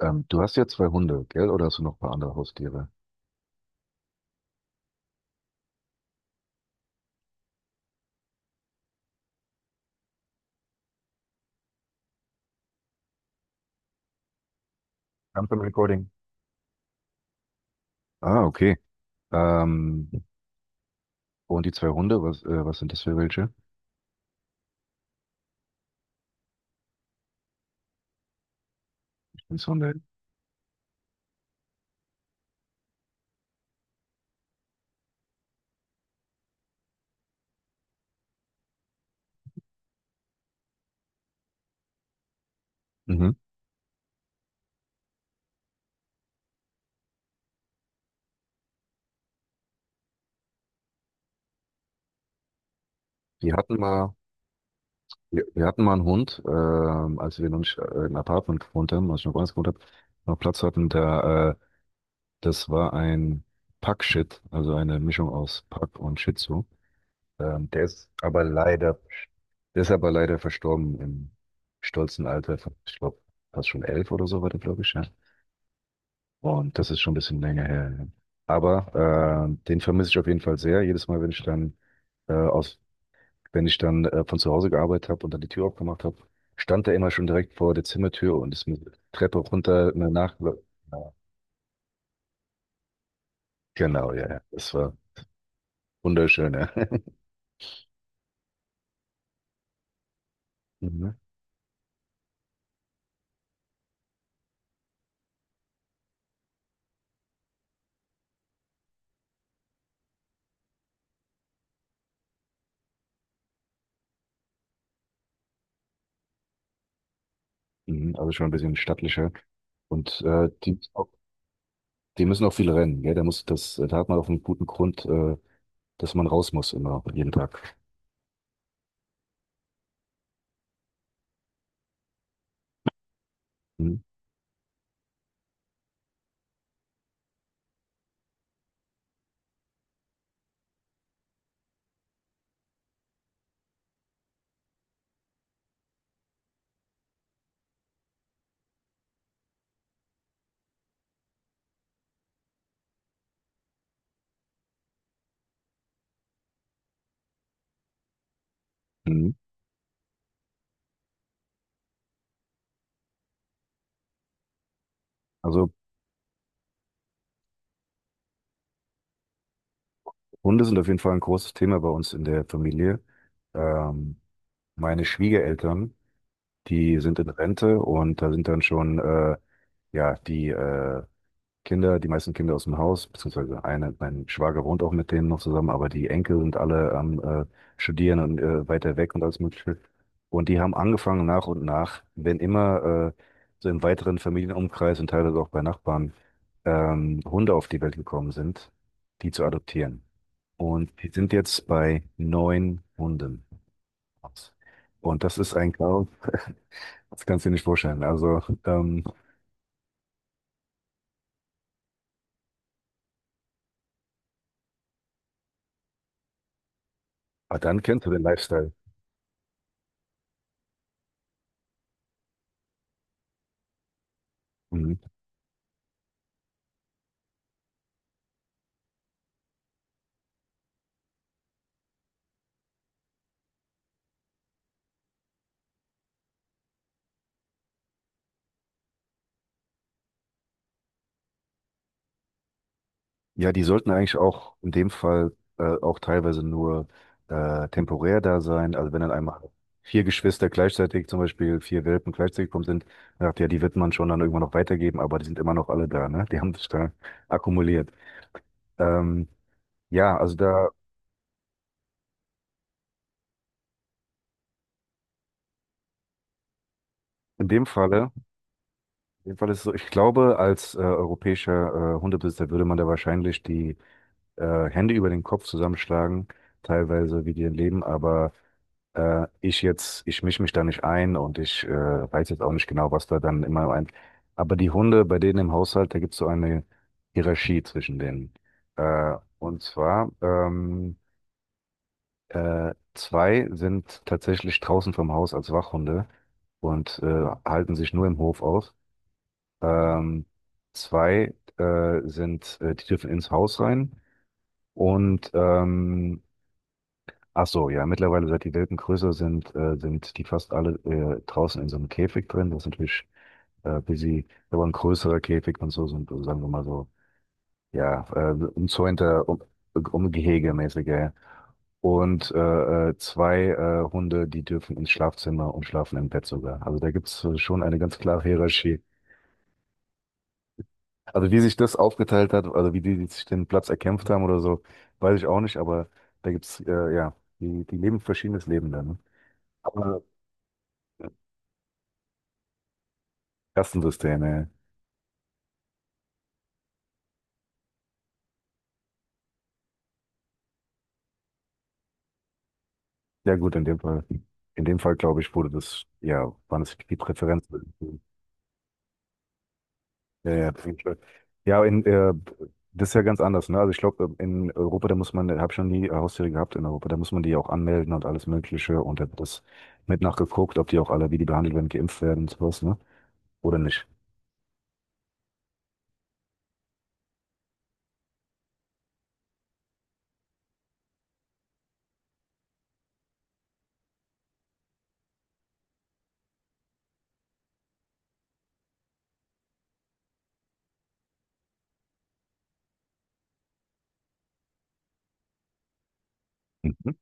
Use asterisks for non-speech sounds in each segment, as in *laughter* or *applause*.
Du hast ja zwei Hunde, gell? Oder hast du noch ein paar andere Haustiere? Jump im from Recording. Ah, okay. Ähm, und die zwei Hunde, was sind das für welche? Stimmt's. Mhm. Wir hatten mal, wir hatten mal einen Hund, als wir noch nicht im Apartment gewohnt haben, als ich noch woanders gewohnt habe, noch Platz hatten, da, das war ein Pack-Shit, also eine Mischung aus Pack und Shih Tzu. Ähm, der ist aber leider, der ist aber leider verstorben im stolzen Alter von, ich glaube, fast schon 11 oder so war der, glaube ich, ja. Und das ist schon ein bisschen länger her. Ja. Aber den vermisse ich auf jeden Fall sehr. Jedes Mal, wenn ich dann äh, aus, von zu Hause gearbeitet habe und dann die Tür aufgemacht habe, stand er immer schon direkt vor der Zimmertür und ist mit der Treppe runter eine nach. Ja. Genau, ja, ja. Das war wunderschön, ja. *laughs* Mhm. Mhm. Also schon ein bisschen stattlicher. Und die müssen auch viel rennen, gell? Da muss das, da hat man auch einen guten Grund, dass man raus muss immer jeden Tag. Mhm. Mhm. Also Hunde sind auf jeden Fall ein großes Thema bei uns in der Familie. Ähm, Meine Schwiegereltern, die sind in Rente und da sind dann schon ja die meisten Kinder aus dem Haus, beziehungsweise eine, mein Schwager wohnt auch mit denen noch zusammen, aber die Enkel sind alle am Studieren und weiter weg und alles Mögliche. Und die haben angefangen nach und nach, wenn immer so im weiteren Familienumkreis und teilweise auch bei Nachbarn Hunde auf die Welt gekommen sind, die zu adoptieren. Und die sind jetzt bei neun Hunden. Und das ist ein Chaos, *laughs* das kannst du dir nicht vorstellen. Also, aber dann kennst du den Lifestyle. Mhm. Ja, die sollten eigentlich auch in dem Fall auch teilweise nur temporär da sein. Also wenn dann einmal vier Geschwister gleichzeitig, zum Beispiel vier Welpen gleichzeitig gekommen sind, dann sagt ja, die wird man schon dann irgendwann noch weitergeben, aber die sind immer noch alle da, ne? Die haben sich da akkumuliert. Ähm, ja, also da in dem Falle, in dem Fall ist es so, ich glaube, als europäischer Hundebesitzer würde man da wahrscheinlich die Hände über den Kopf zusammenschlagen, teilweise wie die leben, aber ich mische mich da nicht ein und ich weiß jetzt auch nicht genau, was da dann immer ein. Aber die Hunde bei denen im Haushalt, da gibt es so eine Hierarchie zwischen denen. Und zwar, zwei sind tatsächlich draußen vom Haus als Wachhunde und halten sich nur im Hof auf. Ähm, Zwei sind, die dürfen ins Haus rein. Und ach so, ja, mittlerweile, seit die Welpen größer sind, sind die fast alle draußen in so einem Käfig drin. Das ist natürlich busy, aber ein größerer Käfig und so, so ein, sagen wir mal so, ja, umzäunter, Umgehege mäßiger. Und zwei Hunde, die dürfen ins Schlafzimmer und schlafen im Bett sogar. Also da gibt's schon eine ganz klare Hierarchie. Also wie sich das aufgeteilt hat, also wie die sich den Platz erkämpft haben oder so, weiß ich auch nicht, aber da gibt's ja, die, die leben ein verschiedenes Leben dann. Ne? Kastensysteme. Ja gut, in dem Fall glaube ich, wurde das, ja, waren es die Präferenzen. Ja, ja, auf jeden Fall. Ja, das ist ja ganz anders, ne? Also ich glaube, in Europa, da muss man, ich habe schon die Haustiere gehabt in Europa, da muss man die auch anmelden und alles Mögliche und da wird das mit nachgeguckt, ob die auch alle, wie die behandelt werden, geimpft werden und sowas, ne? Oder nicht. Mhm.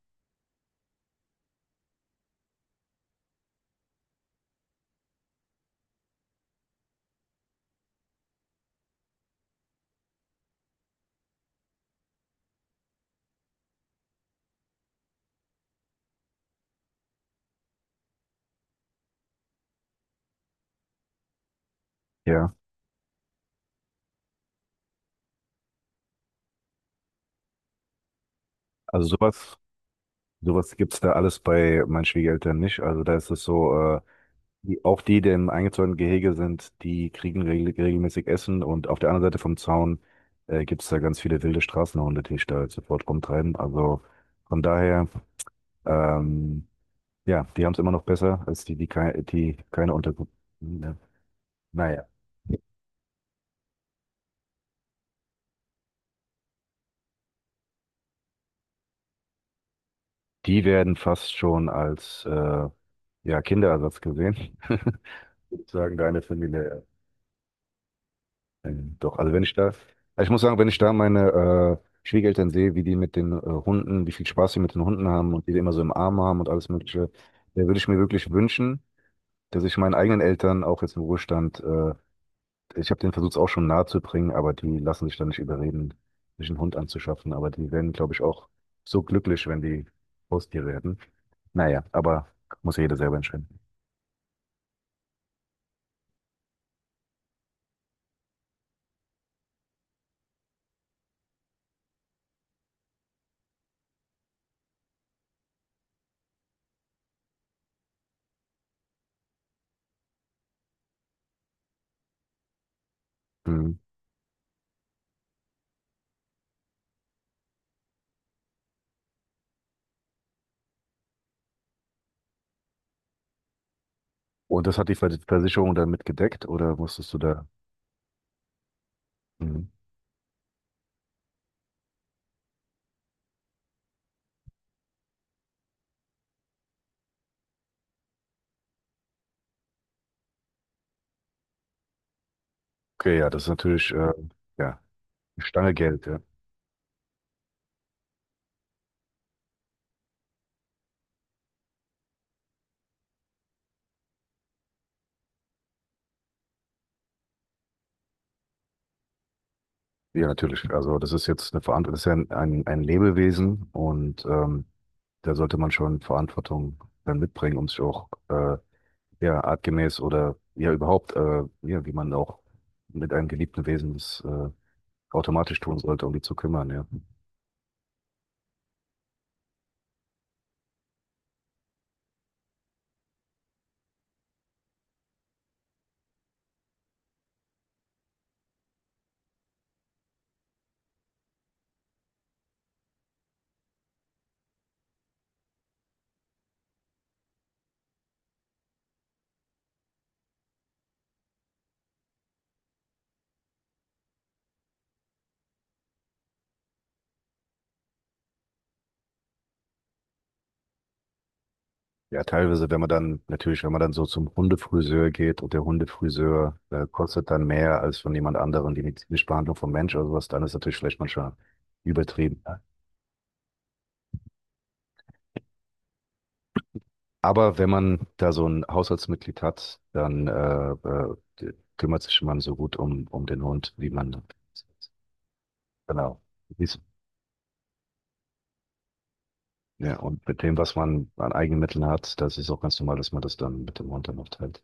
Ja, also sowas gibt's da alles bei meinen Schwiegereltern nicht. Also da ist es so. Die, auch die, die im eingezäunten Gehege sind, die kriegen regelmäßig Essen und auf der anderen Seite vom Zaun gibt es da ganz viele wilde Straßenhunde, die sich da sofort rumtreiben. Also von daher, ähm, ja, die haben es immer noch besser als die, die, kei die keine Unterkunft. Ne? Naja, die werden fast schon als ja, Kinderersatz gesehen, *laughs* sagen deine Familie. Ja. Doch, also wenn ich da, also ich muss sagen, wenn ich da meine Schwiegereltern sehe, wie die mit den Hunden, wie viel Spaß sie mit den Hunden haben und die, die immer so im Arm haben und alles Mögliche, da würde ich mir wirklich wünschen, dass ich meinen eigenen Eltern auch jetzt im Ruhestand, ich habe den Versuch auch schon nahe zu bringen, aber die lassen sich da nicht überreden, sich einen Hund anzuschaffen. Aber die werden, glaube ich, auch so glücklich, wenn die Haustier werden. Naja, aber muss ja jeder selber entscheiden. Mhm. Und das hat die Versicherung dann mitgedeckt oder musstest du da? Mhm. Okay, ja, das ist natürlich, ja, eine Stange Geld, ja. Ja, natürlich. Also das ist jetzt eine Verantwortung, das ist ja ein Lebewesen und da sollte man schon Verantwortung dann mitbringen, um sich auch ja, artgemäß oder ja überhaupt, ja, wie man auch mit einem geliebten Wesen das automatisch tun sollte, um die zu kümmern, ja. Ja, teilweise, wenn man dann, natürlich, wenn man dann so zum Hundefriseur geht und der Hundefriseur kostet dann mehr als von jemand anderem die medizinische Behandlung vom Mensch oder sowas, dann ist natürlich vielleicht manchmal übertrieben. Aber wenn man da so ein Haushaltsmitglied hat, dann kümmert sich man so gut um den Hund, wie man genau. Ist- Ja, und mit dem, was man an eigenen Mitteln hat, das ist auch ganz normal, dass man das dann mit dem Hund dann auch teilt.